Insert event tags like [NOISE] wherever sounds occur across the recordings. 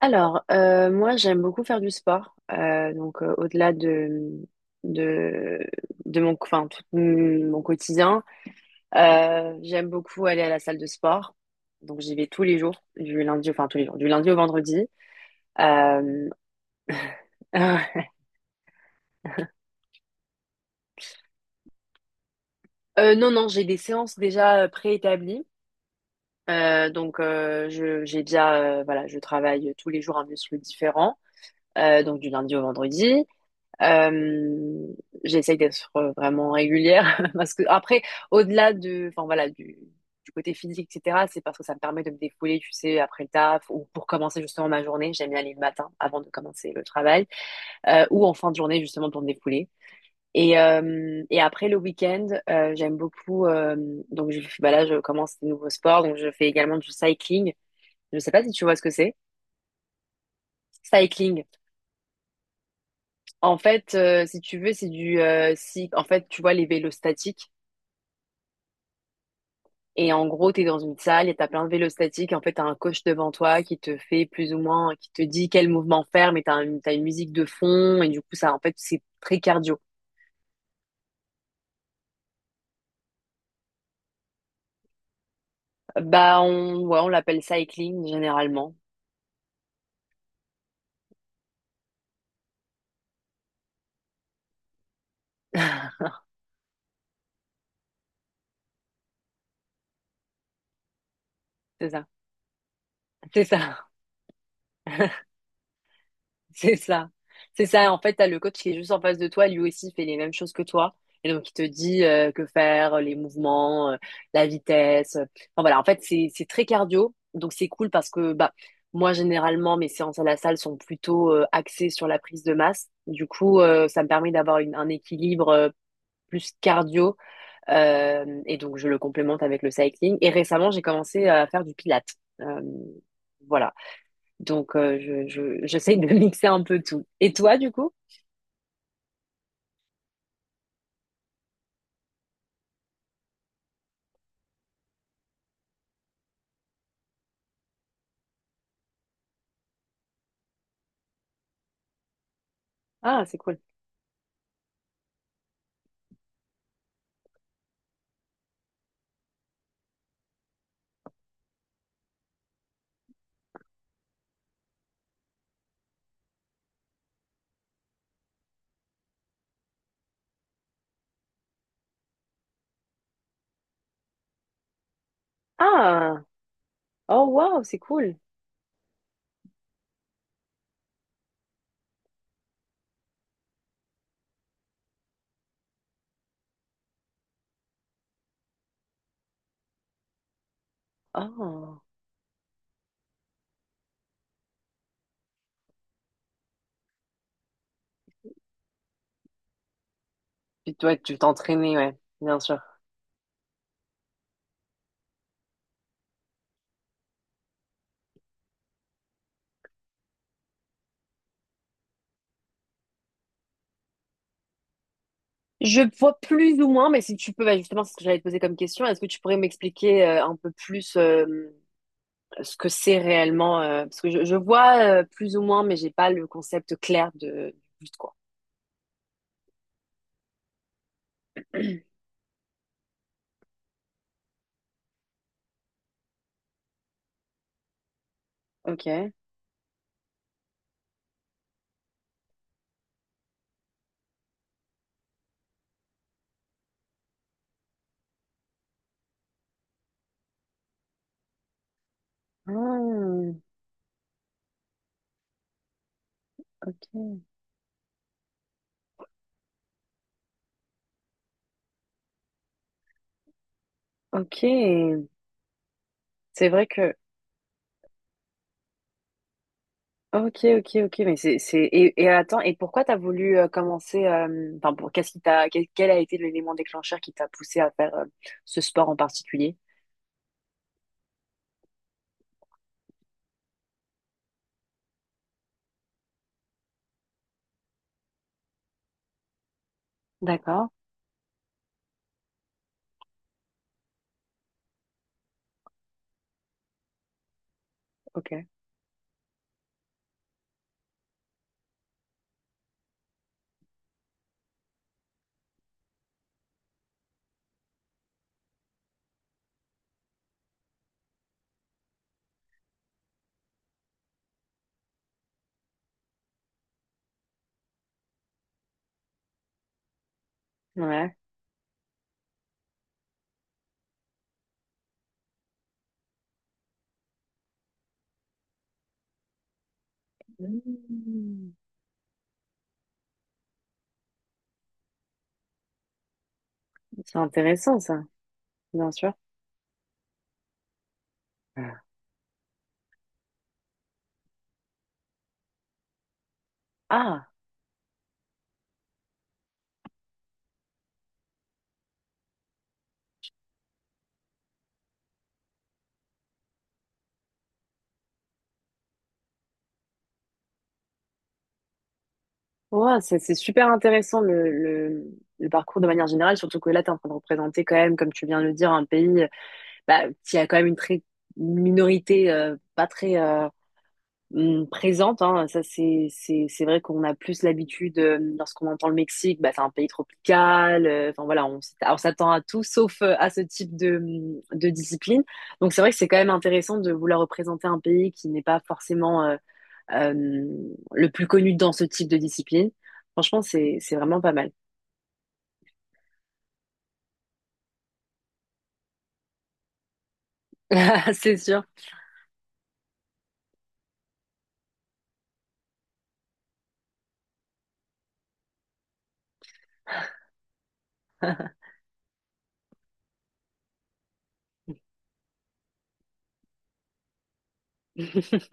Alors, moi, j'aime beaucoup faire du sport. Donc, au-delà de, de mon, enfin, tout mon quotidien, j'aime beaucoup aller à la salle de sport. Donc, j'y vais tous les jours, du lundi, enfin, tous les jours, du lundi au vendredi. Euh, [LAUGHS] euh, non, non, j'ai des séances déjà préétablies. Donc, j'ai déjà, voilà, je travaille tous les jours un muscle différent, donc du lundi au vendredi. Euh, J'essaye d'être vraiment régulière [LAUGHS] parce que après, au-delà de, enfin voilà, du côté physique, etc., c'est parce que ça me permet de me défouler, tu sais, après le taf ou pour commencer justement ma journée. J'aime bien aller le matin avant de commencer le travail ou en fin de journée justement pour me défouler. Et après le week-end, j'aime beaucoup. Donc bah là, je commence des nouveaux sports. Donc je fais également du cycling. Je sais pas si tu vois ce que c'est. Cycling. En fait, si tu veux, c'est du si en fait tu vois les vélos statiques. Et en gros, tu es dans une salle et tu as plein de vélostatiques. En fait, tu as un coach devant toi qui te fait plus ou moins, qui te dit quel mouvement faire, mais tu as, une t'as une musique de fond. Et du coup, ça, en fait, c'est très cardio. Bah, on, ouais, on l'appelle cycling généralement. [LAUGHS] C'est ça. C'est ça. C'est ça. C'est ça. En fait, t'as le coach qui est juste en face de toi. Lui aussi fait les mêmes choses que toi. Et donc, il te dit que faire, les mouvements, la vitesse. Enfin, voilà. En fait, c'est très cardio. Donc, c'est cool parce que, bah, moi, généralement, mes séances à la salle sont plutôt axées sur la prise de masse. Du coup, ça me permet d'avoir un équilibre plus cardio. Et donc, je le complémente avec le cycling. Et récemment, j'ai commencé à faire du pilates. Euh, voilà. Donc, j'essaye de [LAUGHS] mixer un peu tout. Et toi, du coup? Ah, c'est cool. Ah, oh, wow, c'est cool. Ah. Puis toi, tu t'entraînais, ouais, bien sûr. Je vois plus ou moins, mais si tu peux, bah, justement, c'est ce que j'allais te poser comme question. Est-ce que tu pourrais m'expliquer un peu plus ce que c'est réellement parce que je vois plus ou moins, mais j'ai pas le concept clair de du but, quoi. Ok. Ah, ok. Ok. C'est vrai que Ok, ok, ok, mais attends, et pourquoi t'as voulu commencer, enfin, pour, quel a été l'élément déclencheur qui t'a poussé à faire ce sport en particulier? D'accord, ok, ouais. Mm. C'est intéressant, ça, bien sûr. Ah, ouais, c'est super intéressant le parcours de manière générale, surtout que là, tu es en train de représenter quand même, comme tu viens de le dire, un pays bah, il y a quand même une minorité pas très présente. Hein. Ça, c'est vrai qu'on a plus l'habitude lorsqu'on entend le Mexique, bah, c'est un pays tropical. Enfin voilà, on s'attend à tout sauf à ce type de discipline. Donc c'est vrai que c'est quand même intéressant de vouloir représenter un pays qui n'est pas forcément euh, le plus connu dans ce type de discipline. Franchement, c'est vraiment pas mal. [LAUGHS] C'est sûr. [LAUGHS]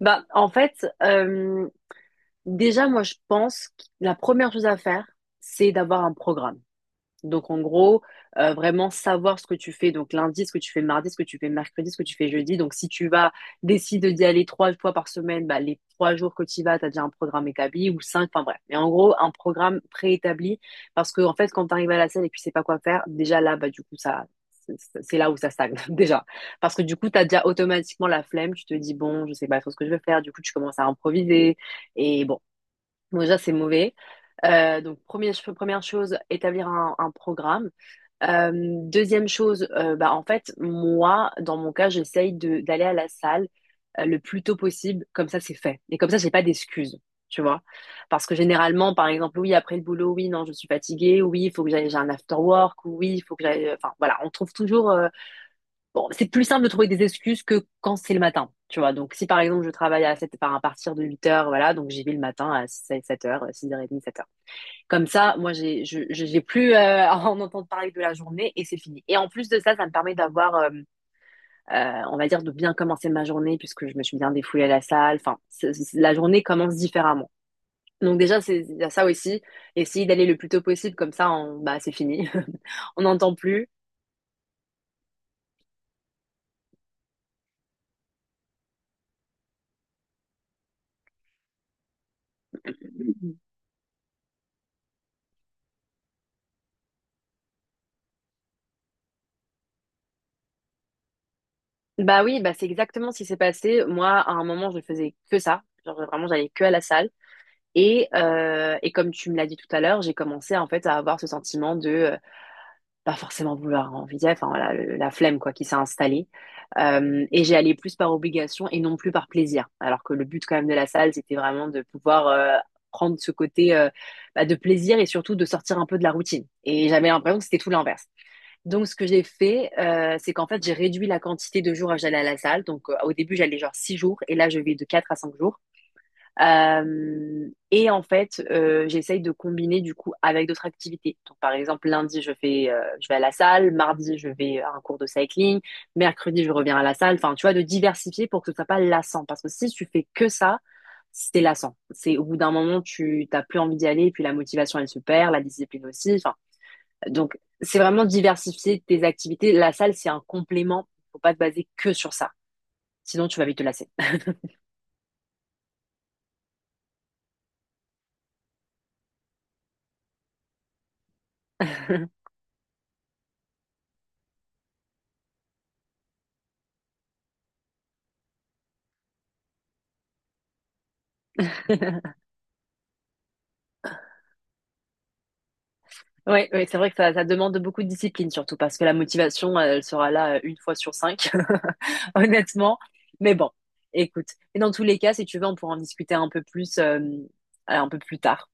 Bah, en fait, déjà, moi, je pense que la première chose à faire, c'est d'avoir un programme. Donc, en gros, vraiment savoir ce que tu fais. Donc, lundi, ce que tu fais mardi, ce que tu fais mercredi, ce que tu fais jeudi. Donc, si tu vas, décides d'y aller 3 fois par semaine, bah, les 3 jours que tu y vas, tu as déjà un programme établi ou cinq, enfin bref. Mais en gros, un programme préétabli parce que, en fait, quand tu arrives à la scène et que tu sais pas quoi faire, déjà là, bah, du coup, ça, c'est là où ça stagne, [LAUGHS] déjà. Parce que, du coup, t'as déjà automatiquement la flemme. Tu te dis, bon, je sais pas trop ce que je veux faire. Du coup, tu commences à improviser. Et bon. Donc déjà, c'est mauvais. Donc première chose, établir un programme. Euh, Deuxième chose, bah, en fait, moi, dans mon cas, j'essaye de d'aller à la salle le plus tôt possible. Comme ça, c'est fait. Et comme ça, j'ai pas d'excuses, tu vois. Parce que généralement, par exemple, oui, après le boulot, oui, non, je suis fatiguée. Oui, il faut que j'aille, j'ai un after work. Oui, il faut que j'aille. Enfin, voilà, on trouve toujours bon, c'est plus simple de trouver des excuses que quand c'est le matin, tu vois. Donc, si par exemple, je travaille à 7, enfin, à partir de 8 heures, voilà, donc j'y vais le matin à 7 heures, 6h30, 7 heures. Comme ça, moi, j'ai plus [LAUGHS] à en entendre parler de la journée et c'est fini. Et en plus de ça, ça me permet d'avoir, on va dire, de bien commencer ma journée puisque je me suis bien défoulée à la salle. Enfin, la journée commence différemment. Donc déjà, c'est, il y a ça aussi. Essayer d'aller le plus tôt possible, comme ça, on, bah, c'est fini. [LAUGHS] On n'entend plus. Bah oui, bah c'est exactement ce qui s'est passé. Moi, à un moment, je faisais que ça. Genre, vraiment, j'allais que à la salle. Et comme tu me l'as dit tout à l'heure, j'ai commencé en fait à avoir ce sentiment de pas forcément vouloir envie, enfin voilà, la flemme quoi qui s'est installée. Et j'ai allé plus par obligation et non plus par plaisir. Alors que le but quand même de la salle, c'était vraiment de pouvoir prendre ce côté bah, de plaisir et surtout de sortir un peu de la routine. Et j'avais l'impression que c'était tout l'inverse. Donc, ce que j'ai fait, c'est qu'en fait, j'ai réduit la quantité de jours à j'allais à la salle. Donc, au début, j'allais genre 6 jours et là, je vais de 4 à 5 jours. Et en fait, j'essaye de combiner du coup avec d'autres activités. Donc, par exemple, lundi, je vais à la salle. Mardi, je vais à un cours de cycling. Mercredi, je reviens à la salle. Enfin, tu vois, de diversifier pour que ce soit pas lassant. Parce que si tu fais que ça, c'est lassant. C'est au bout d'un moment, tu t'as plus envie d'y aller. Et puis, la motivation, elle se perd, la discipline aussi. Enfin, donc, c'est vraiment diversifier tes activités. La salle, c'est un complément. Faut pas te baser que sur ça. Sinon, tu vas vite te lasser. [LAUGHS] Oui, oui, c'est vrai que ça demande beaucoup de discipline, surtout parce que la motivation, elle sera là une fois sur cinq, [LAUGHS] honnêtement. Mais bon, écoute. Et dans tous les cas, si tu veux, on pourra en discuter un peu plus tard.